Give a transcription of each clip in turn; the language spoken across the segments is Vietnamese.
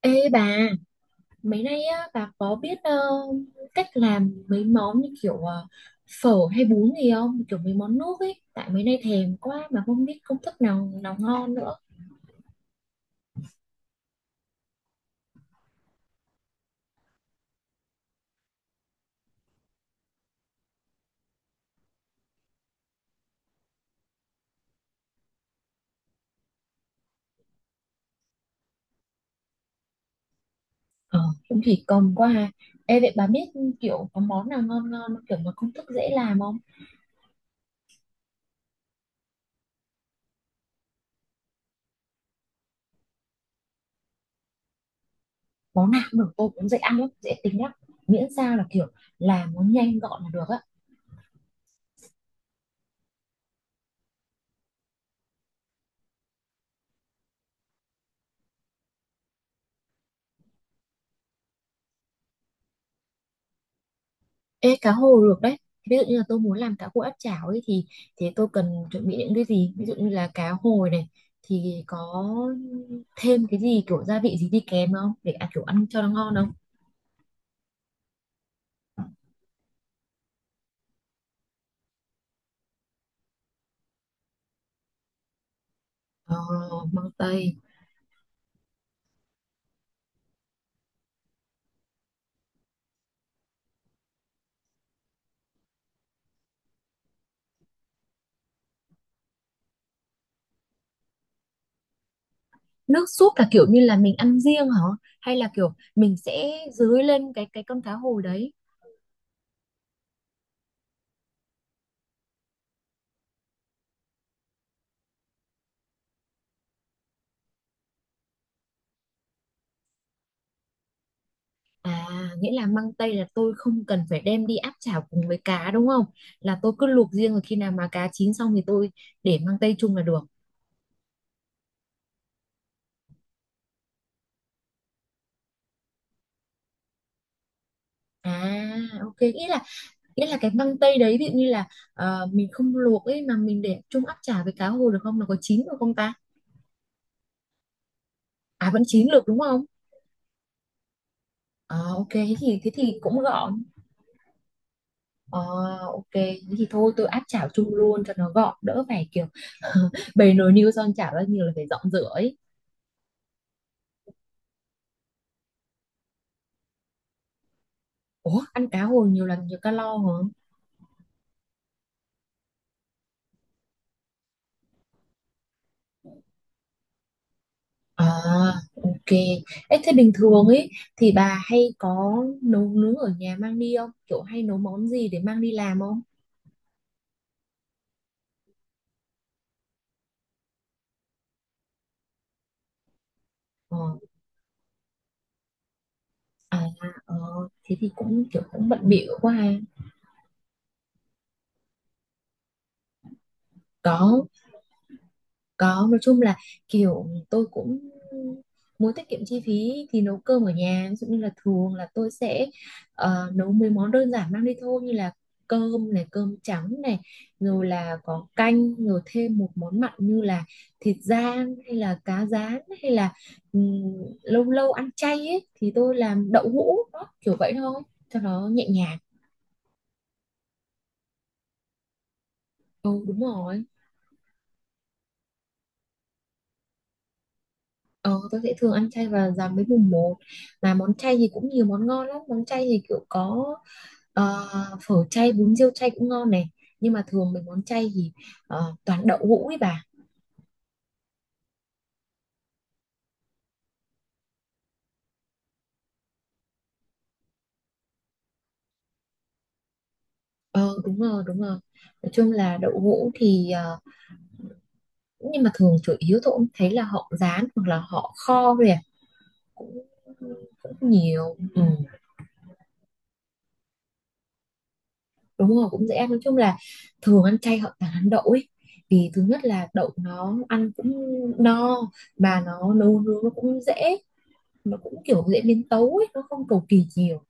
Ê bà, mấy nay á, bà có biết cách làm mấy món như kiểu phở hay bún gì không? Kiểu mấy món nước ấy, tại mấy nay thèm quá mà không biết công thức nào nào ngon nữa. Ờ, cũng thì cầm quá ha. Ê vậy bà biết kiểu có món nào ngon ngon, kiểu mà công thức dễ làm không? Món nào cũng được, tôi cũng dễ ăn lắm, dễ tính lắm. Miễn sao là kiểu làm nó nhanh gọn là được á. Ê, cá hồi được đấy. Ví dụ như là tôi muốn làm cá hồi áp chảo ấy thì tôi cần chuẩn bị những cái gì? Ví dụ như là cá hồi này thì có thêm cái gì kiểu gia vị gì đi kèm không để ăn kiểu ăn cho nó ngon không? Ờ, măng tây. Nước súp là kiểu như là mình ăn riêng hả? Hay là kiểu mình sẽ dưới lên cái con cá hồi đấy? À, nghĩa là măng tây là tôi không cần phải đem đi áp chảo cùng với cá đúng không? Là tôi cứ luộc riêng rồi khi nào mà cá chín xong thì tôi để măng tây chung là được. À, ok, nghĩa là cái măng tây đấy ví dụ như là mình không luộc ấy mà mình để chung áp chảo với cá hồi được không, nó có chín được không ta? À, vẫn chín được đúng không? Ờ, ok, thế thì cũng gọn. Ờ, ok, thế thì thôi tôi áp chảo chung luôn cho nó gọn, đỡ phải kiểu bày nồi niêu son chảo ra nhiều là phải dọn rửa ấy. Ủa, ăn cá hồi nhiều là nhiều calo hả? À, ok. Ê, thế bình thường ấy thì bà hay có nấu nướng ở nhà mang đi không, kiểu hay nấu món gì để mang đi làm không? Ờ. À, ờ, thế thì cũng kiểu cũng bận bịu quá ha. Có, có, nói chung là kiểu tôi cũng muốn tiết kiệm chi phí thì nấu cơm ở nhà. Ví dụ như là thường là tôi sẽ nấu mấy món đơn giản mang đi thôi, như là cơm này, cơm trắng này, rồi là có canh, rồi thêm một món mặn như là thịt rang hay là cá rán hay là ừm, lâu lâu ăn chay ấy thì tôi làm đậu hũ đó, kiểu vậy thôi cho nó nhẹ nhàng. Ừ, đúng rồi. Ờ, tôi sẽ thường ăn chay và giảm với mùng một. Mà món chay thì cũng nhiều món ngon lắm. Món chay thì kiểu có ờ, phở chay, bún riêu chay cũng ngon này. Nhưng mà thường mấy món chay thì toàn đậu hũ ấy bà. Ờ đúng rồi, đúng rồi. Nói chung là đậu hũ thì nhưng mà thường chủ yếu tôi cũng thấy là họ rán hoặc là họ kho thôi à. Cũng, cũng nhiều ừ. Đúng rồi, cũng dễ ăn. Nói chung là thường ăn chay họ toàn ăn đậu ấy, vì thứ nhất là đậu nó ăn cũng no, mà nó nấu nướng nó cũng dễ, nó cũng kiểu dễ biến tấu ấy, nó không cầu kỳ nhiều.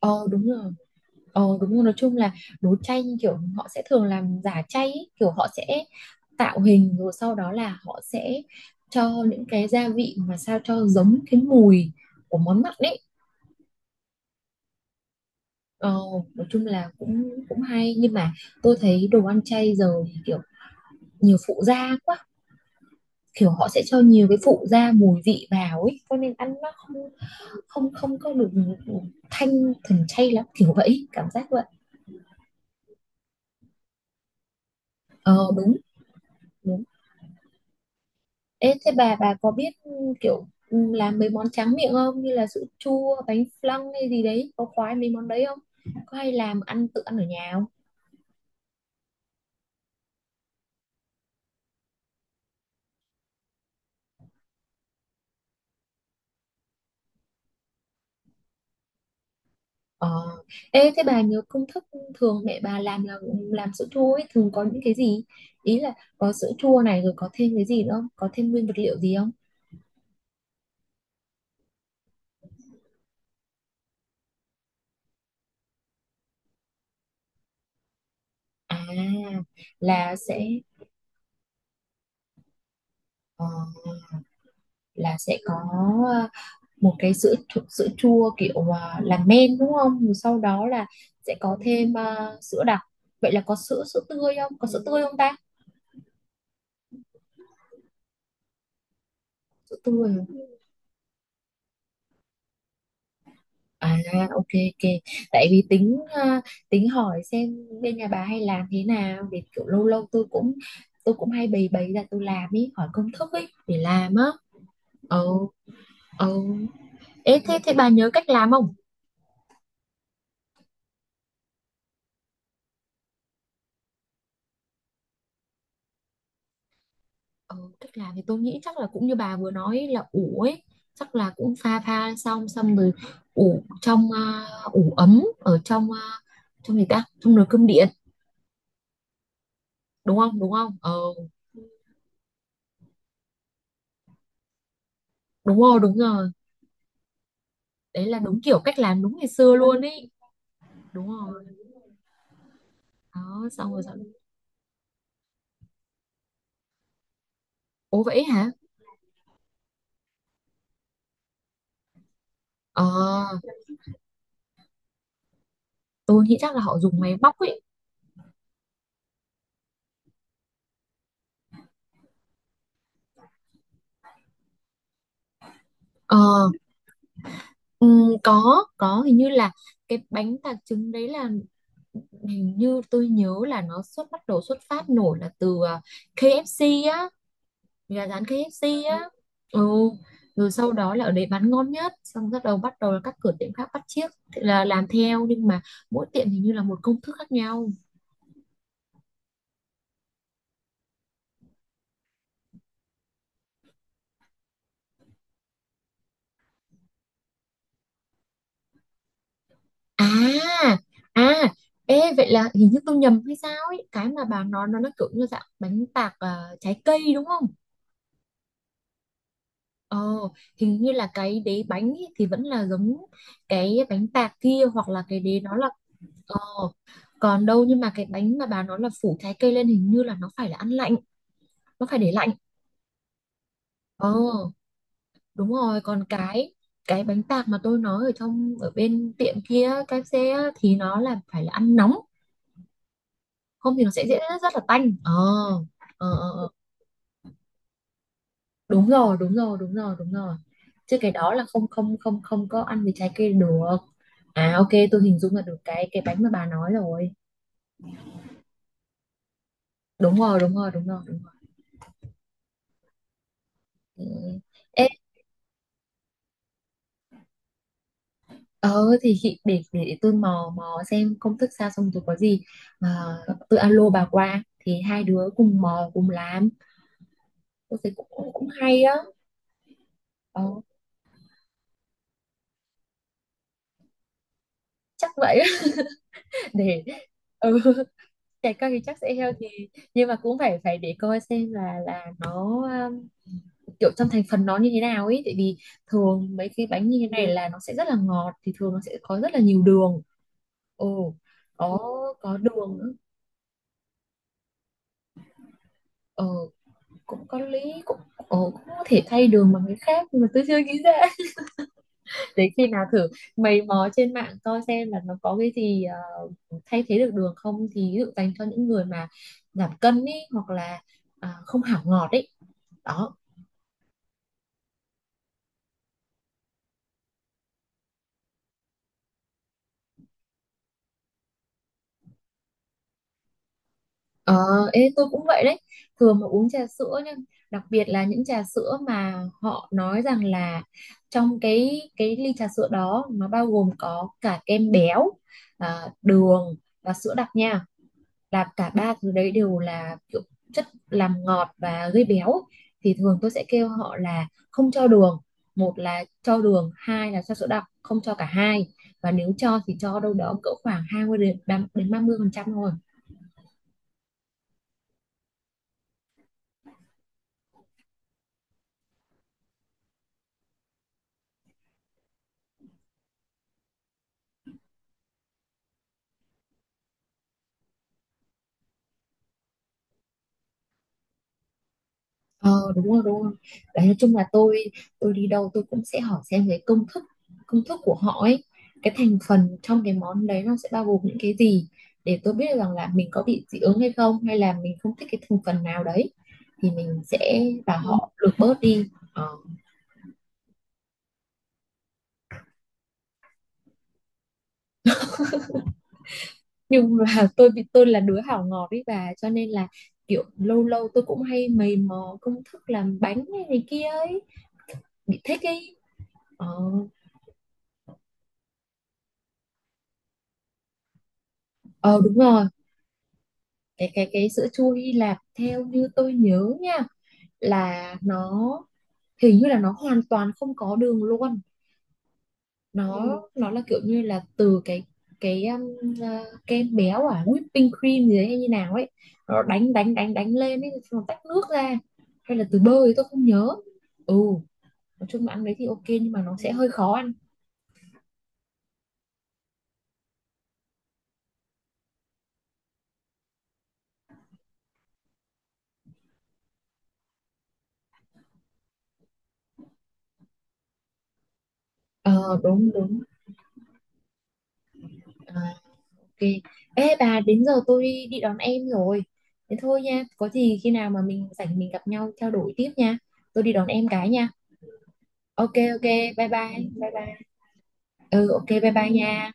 Ờ đúng rồi. Ờ đúng rồi, nói chung là đồ chay như kiểu họ sẽ thường làm giả chay ấy. Kiểu họ sẽ tạo hình rồi sau đó là họ sẽ cho những cái gia vị mà sao cho giống cái mùi của món mặn ấy. ờ, nói chung là cũng cũng hay, nhưng mà tôi thấy đồ ăn chay giờ thì nhiều phụ gia quá, kiểu họ sẽ cho nhiều cái phụ gia mùi vị vào ấy cho nên ăn nó không không không có được thanh thuần chay lắm, kiểu vậy, cảm giác vậy. Ờ đúng đúng. Ê, thế bà có biết kiểu làm mấy món tráng miệng không, như là sữa chua, bánh flan hay gì đấy, có khoái mấy món đấy không, có hay làm ăn tự ăn ở nhà không? Ờ, ê thế bà nhớ công thức thường mẹ bà làm là làm sữa chua ấy thường có những cái gì, ý là có sữa chua này rồi có thêm cái gì nữa không, có thêm nguyên vật liệu gì không? À, là sẽ ờ, là sẽ có ờ, một cái sữa chua kiểu làm men đúng không? Rồi sau đó là sẽ có thêm sữa đặc. Vậy là có sữa sữa tươi không? Có sữa tươi không ta? Sữa tươi. À, ok ok. Tại vì tính tính hỏi xem bên nhà bà hay làm thế nào để kiểu lâu lâu tôi cũng hay bày bày ra tôi làm, ý hỏi công thức ấy để làm á. Ừ ừ. Ê thế, bà nhớ cách làm không? Ừ, cách làm thì tôi nghĩ chắc là cũng như bà vừa nói là ủ ấy, chắc là cũng pha pha xong xong rồi ủ trong ủ ấm ở trong trong gì ta, trong nồi cơm điện đúng không, đúng không ờ. Đúng rồi, đúng rồi. Đấy là đúng kiểu cách làm đúng ngày xưa luôn ấy. Đúng rồi. Đó xong rồi sao? Ố, vậy hả? Ờ, tôi nghĩ chắc là họ dùng máy bóc ấy. Ờ, ừ, có hình như là cái bánh tạc trứng đấy là hình như tôi nhớ là nó xuất bắt đầu xuất phát nổi là từ KFC á, gà rán KFC á. Ừ, rồi sau đó là ở đấy bán ngon nhất xong bắt đầu là các cửa tiệm khác bắt chiếc, thì là làm theo nhưng mà mỗi tiệm hình như là một công thức khác nhau. À, à, ê vậy là hình như tôi nhầm hay sao ấy, cái mà bà nói nó kiểu như dạng bánh tạc trái cây đúng không? Ờ, hình như là cái đế bánh ấy thì vẫn là giống cái bánh tạc kia, hoặc là cái đế đó là. Ờ, còn đâu nhưng mà cái bánh mà bà nói là phủ trái cây lên hình như là nó phải là ăn lạnh, nó phải để lạnh. Ờ, đúng rồi, còn cái bánh tạc mà tôi nói ở trong ở bên tiệm kia KFC á, thì nó là phải là ăn nóng, không thì nó sẽ dễ rất là tanh. Ờ, ờ, ờ, ờ, đúng rồi, đúng rồi, đúng rồi, đúng rồi. Chứ cái đó là không không không không có ăn với trái cây được. À ok, tôi hình dung là được cái bánh mà bà nói rồi. Đúng rồi, đúng rồi, đúng rồi, đúng rồi. Ừ. Ê, ờ thì chị để, để tôi mò mò xem công thức sao xong rồi có gì mà tôi alo bà qua thì hai đứa cùng mò cùng làm, tôi thấy cũng cũng, cũng hay á. Ờ, chắc vậy á. Để ừ, trẻ con thì chắc sẽ healthy, nhưng mà cũng phải phải để coi xem là nó um, kiểu trong thành phần nó như thế nào ấy, tại vì thường mấy cái bánh như thế này là nó sẽ rất là ngọt thì thường nó sẽ có rất là nhiều đường. Ồ, có có đường nữa. Ờ, cũng có lý, cũng ồ cũng có thể thay đường bằng cái khác nhưng mà tôi chưa nghĩ ra. Để khi nào thử mày mò trên mạng coi xem là nó có cái gì thay thế được đường không, thì ví dụ dành cho những người mà giảm cân ý, hoặc là không hảo ngọt ấy, đó. Ờ, ê, tôi cũng vậy đấy, thường mà uống trà sữa, nhưng đặc biệt là những trà sữa mà họ nói rằng là trong cái ly trà sữa đó nó bao gồm có cả kem béo, đường và sữa đặc nha, là cả ba thứ đấy đều là kiểu chất làm ngọt và gây béo, thì thường tôi sẽ kêu họ là không cho đường, một là cho đường hai là cho sữa đặc không cho cả hai, và nếu cho thì cho đâu đó cỡ khoảng 20% đến 30% thôi. Ờ đúng rồi đúng rồi. Đấy, nói chung là tôi đi đâu tôi cũng sẽ hỏi xem cái công thức, của họ ấy, cái thành phần trong cái món đấy nó sẽ bao gồm những cái gì để tôi biết được rằng là mình có bị dị ứng hay không, hay là mình không thích cái thành phần nào đấy, thì mình sẽ bảo Ừ. họ lược bớt đi ờ. Nhưng mà tôi là đứa hảo ngọt ấy bà cho nên là kiểu lâu lâu tôi cũng hay mày mò công thức làm bánh này, này kia ấy, bị thích ấy ờ. Ờ đúng rồi, cái sữa chua Hy Lạp theo như tôi nhớ nha là nó hình như là nó hoàn toàn không có đường luôn, nó Ừ. nó là kiểu như là từ cái kem béo à whipping cream gì đấy hay như nào ấy, nó đánh đánh đánh đánh lên ấy xong nó tách nước ra, hay là từ bơ thì tôi không nhớ. Ừ, nói chung là ăn đấy thì ok nhưng mà nó sẽ hơi khó ăn. Ờ đúng đúng. À, ok. Ê bà, đến giờ tôi đi, đón em rồi. Thế thôi nha, có gì khi nào mà mình rảnh mình gặp nhau trao đổi tiếp nha. Tôi đi đón em cái nha. Ok ok, bye bye, bye bye. Ừ ok, bye bye nha.